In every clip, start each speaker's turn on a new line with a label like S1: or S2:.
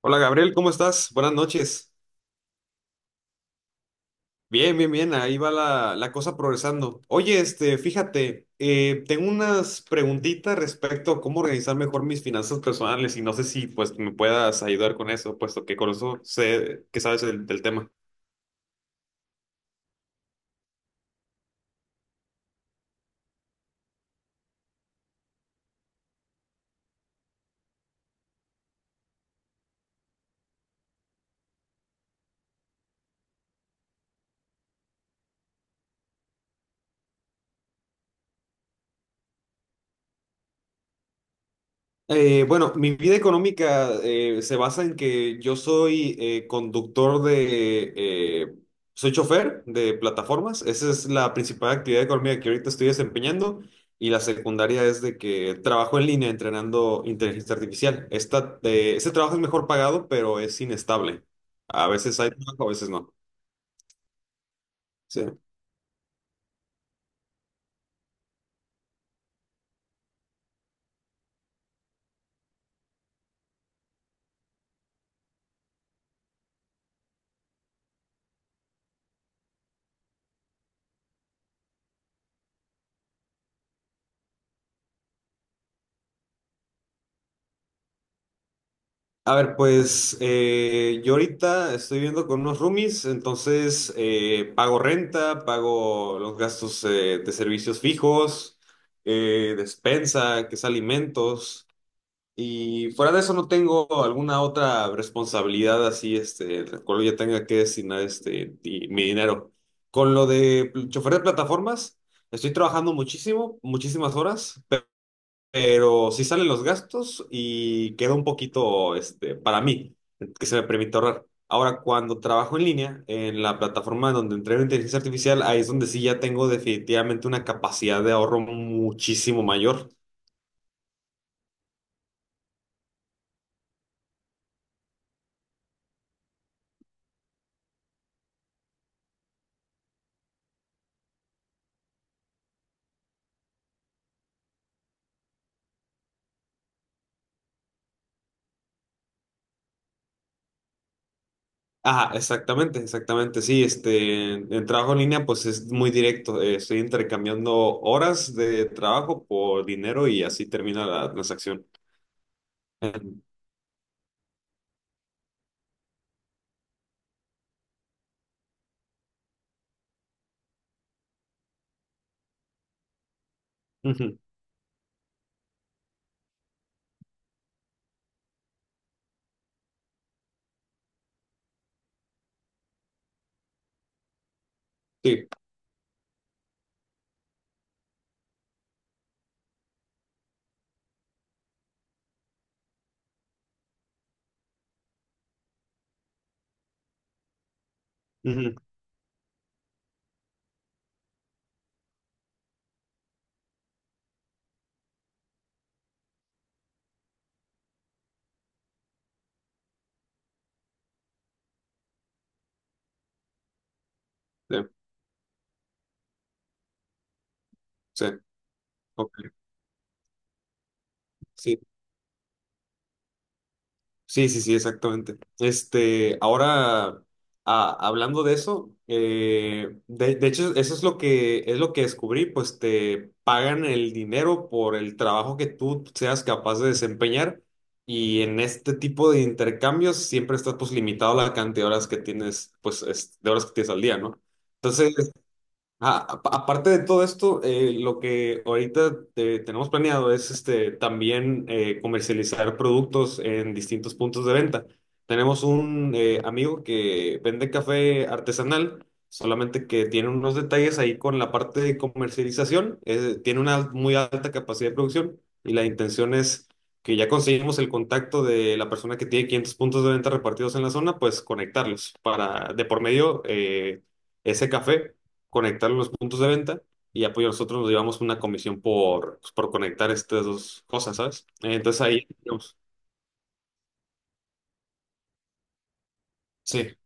S1: Hola Gabriel, ¿cómo estás? Buenas noches. Bien, bien, bien, ahí va la cosa progresando. Oye, tengo unas preguntitas respecto a cómo organizar mejor mis finanzas personales y no sé si pues me puedas ayudar con eso, puesto que con eso sé que sabes del tema. Bueno, mi vida económica se basa en que yo soy conductor de, eh, soy chofer de plataformas. Esa es la principal actividad económica que ahorita estoy desempeñando. Y la secundaria es de que trabajo en línea entrenando inteligencia artificial. Ese trabajo es mejor pagado, pero es inestable. A veces hay trabajo, a veces no. Sí. A ver, pues yo ahorita estoy viviendo con unos roomies, entonces pago renta, pago los gastos de servicios fijos, despensa, que es alimentos, y fuera de eso no tengo alguna otra responsabilidad así, este, la cual yo tenga que destinar mi dinero. Con lo de chofer de plataformas, estoy trabajando muchísimo, muchísimas horas, pero sí salen los gastos y queda un poquito, este, para mí, que se me permite ahorrar. Ahora, cuando trabajo en línea, en la plataforma donde entreno inteligencia artificial, ahí es donde sí ya tengo definitivamente una capacidad de ahorro muchísimo mayor. Ah, exactamente, exactamente, sí, este, en trabajo en línea pues es muy directo, estoy intercambiando horas de trabajo por dinero y así termina la transacción. Ujú, sí, ujú, sí, sí, ok, sí. Sí, sí, sí, exactamente. Este, ahora, hablando de eso, de hecho, eso es lo que descubrí, pues te pagan el dinero por el trabajo que tú seas capaz de desempeñar y en este tipo de intercambios siempre estás pues limitado a la cantidad de horas que tienes, de horas que tienes al día, ¿no? Entonces aparte de todo esto, lo que ahorita tenemos planeado es este, también comercializar productos en distintos puntos de venta. Tenemos un amigo que vende café artesanal, solamente que tiene unos detalles ahí con la parte de comercialización. Tiene una muy alta capacidad de producción y la intención es que ya conseguimos el contacto de la persona que tiene 500 puntos de venta repartidos en la zona, pues conectarlos para de por medio, ese café, conectar los puntos de venta y apoyo, nosotros nos llevamos una comisión por, pues, por conectar estas dos cosas, ¿sabes? Entonces ahí, digamos, sí,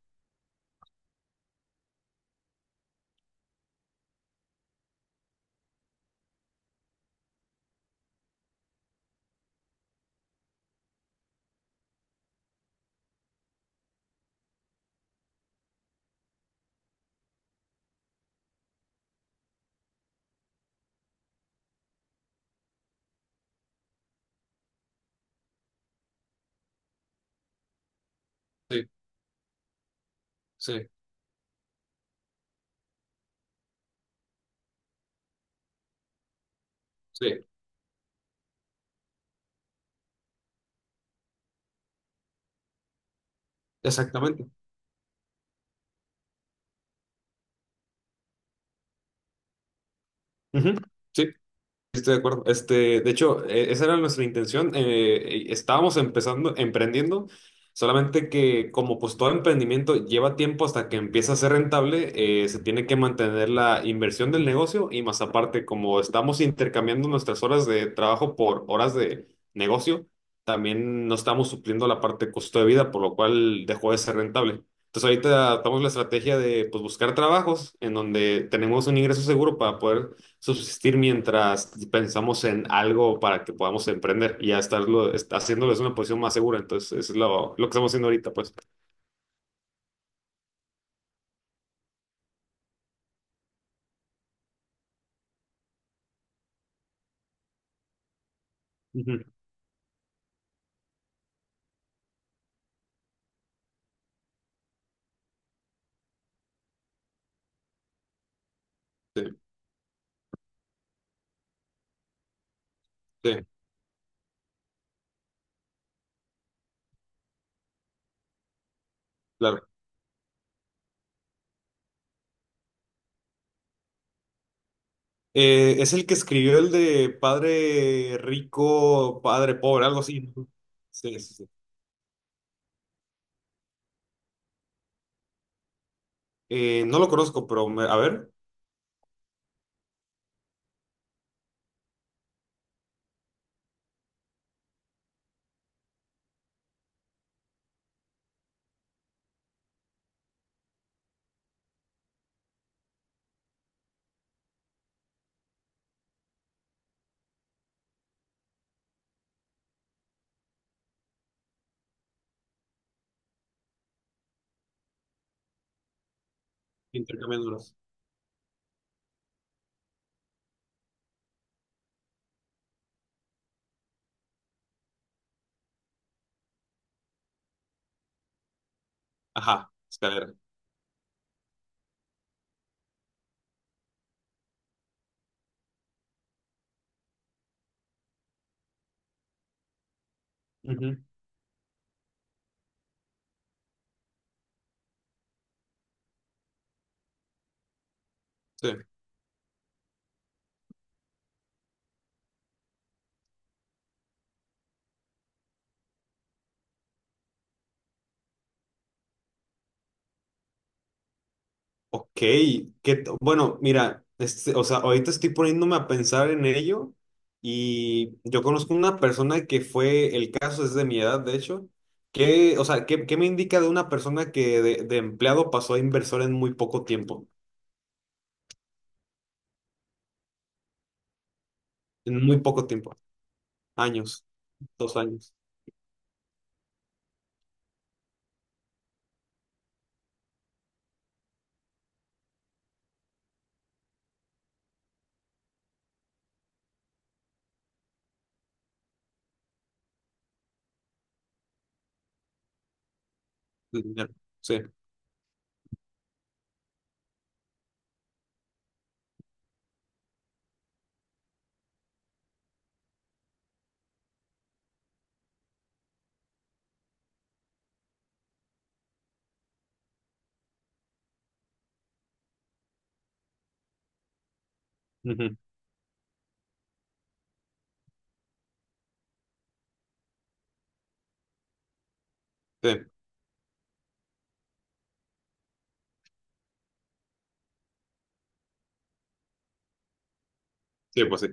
S1: sí, sí, sí, exactamente. Ujú, sí. Estoy de acuerdo. Este, de hecho, esa era nuestra intención. Estábamos empezando, emprendiendo, solamente que como pues todo emprendimiento lleva tiempo hasta que empieza a ser rentable, se tiene que mantener la inversión del negocio y más aparte, como estamos intercambiando nuestras horas de trabajo por horas de negocio, también no estamos supliendo la parte de costo de vida, por lo cual dejó de ser rentable. Entonces ahorita adaptamos la estrategia de pues buscar trabajos en donde tenemos un ingreso seguro para poder subsistir mientras pensamos en algo para que podamos emprender y ya estarlo, haciéndolo es una posición más segura. Entonces, eso es lo que estamos haciendo ahorita, pues. Ujú. Sí, sí, claro. Es el que escribió el de padre rico, padre pobre, algo así, ¿no? Sí, sí, sí. No lo conozco, pero a ver, intercambiándolos. Ajá, escalera. Ujú, sí. Ok, bueno, mira, este, o sea, ahorita estoy poniéndome a pensar en ello y yo conozco una persona que fue, el caso es de mi edad, de hecho, que, o sea, ¿qué, qué me indica de una persona que de empleado pasó a inversor en muy poco tiempo? En muy poco tiempo, años, 2 años, de dinero, sí, ujú, sí, sí, pues sí,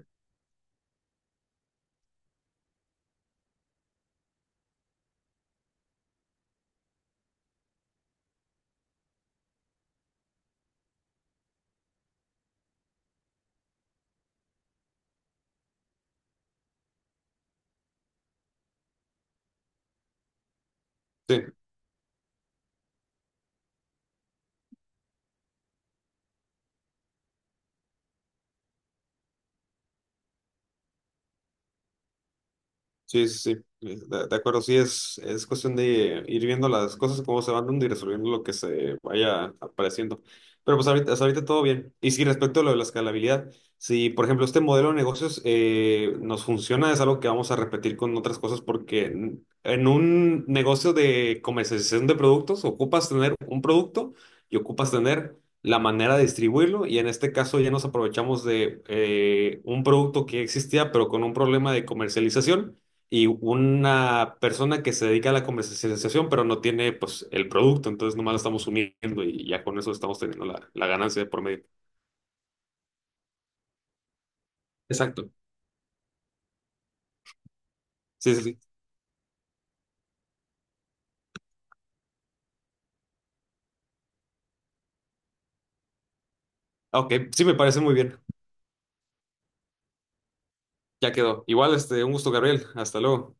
S1: sí. Sí, sí, sí, de acuerdo, sí, es cuestión de ir viendo las cosas, cómo se van dando y resolviendo lo que se vaya apareciendo. Pero pues ahorita, hasta ahorita todo bien. Y sí, respecto a lo de la escalabilidad, si por ejemplo este modelo de negocios nos funciona, es algo que vamos a repetir con otras cosas porque en un negocio de comercialización de productos ocupas tener un producto y ocupas tener la manera de distribuirlo y en este caso ya nos aprovechamos de un producto que existía pero con un problema de comercialización y una persona que se dedica a la comercialización, pero no tiene pues el producto, entonces nomás lo estamos uniendo y ya con eso estamos teniendo la ganancia de por medio. Exacto. Sí, sí, sí. Ah, ok, sí me parece muy bien. Ya quedó. Igual, este, un gusto, Gabriel. Hasta luego.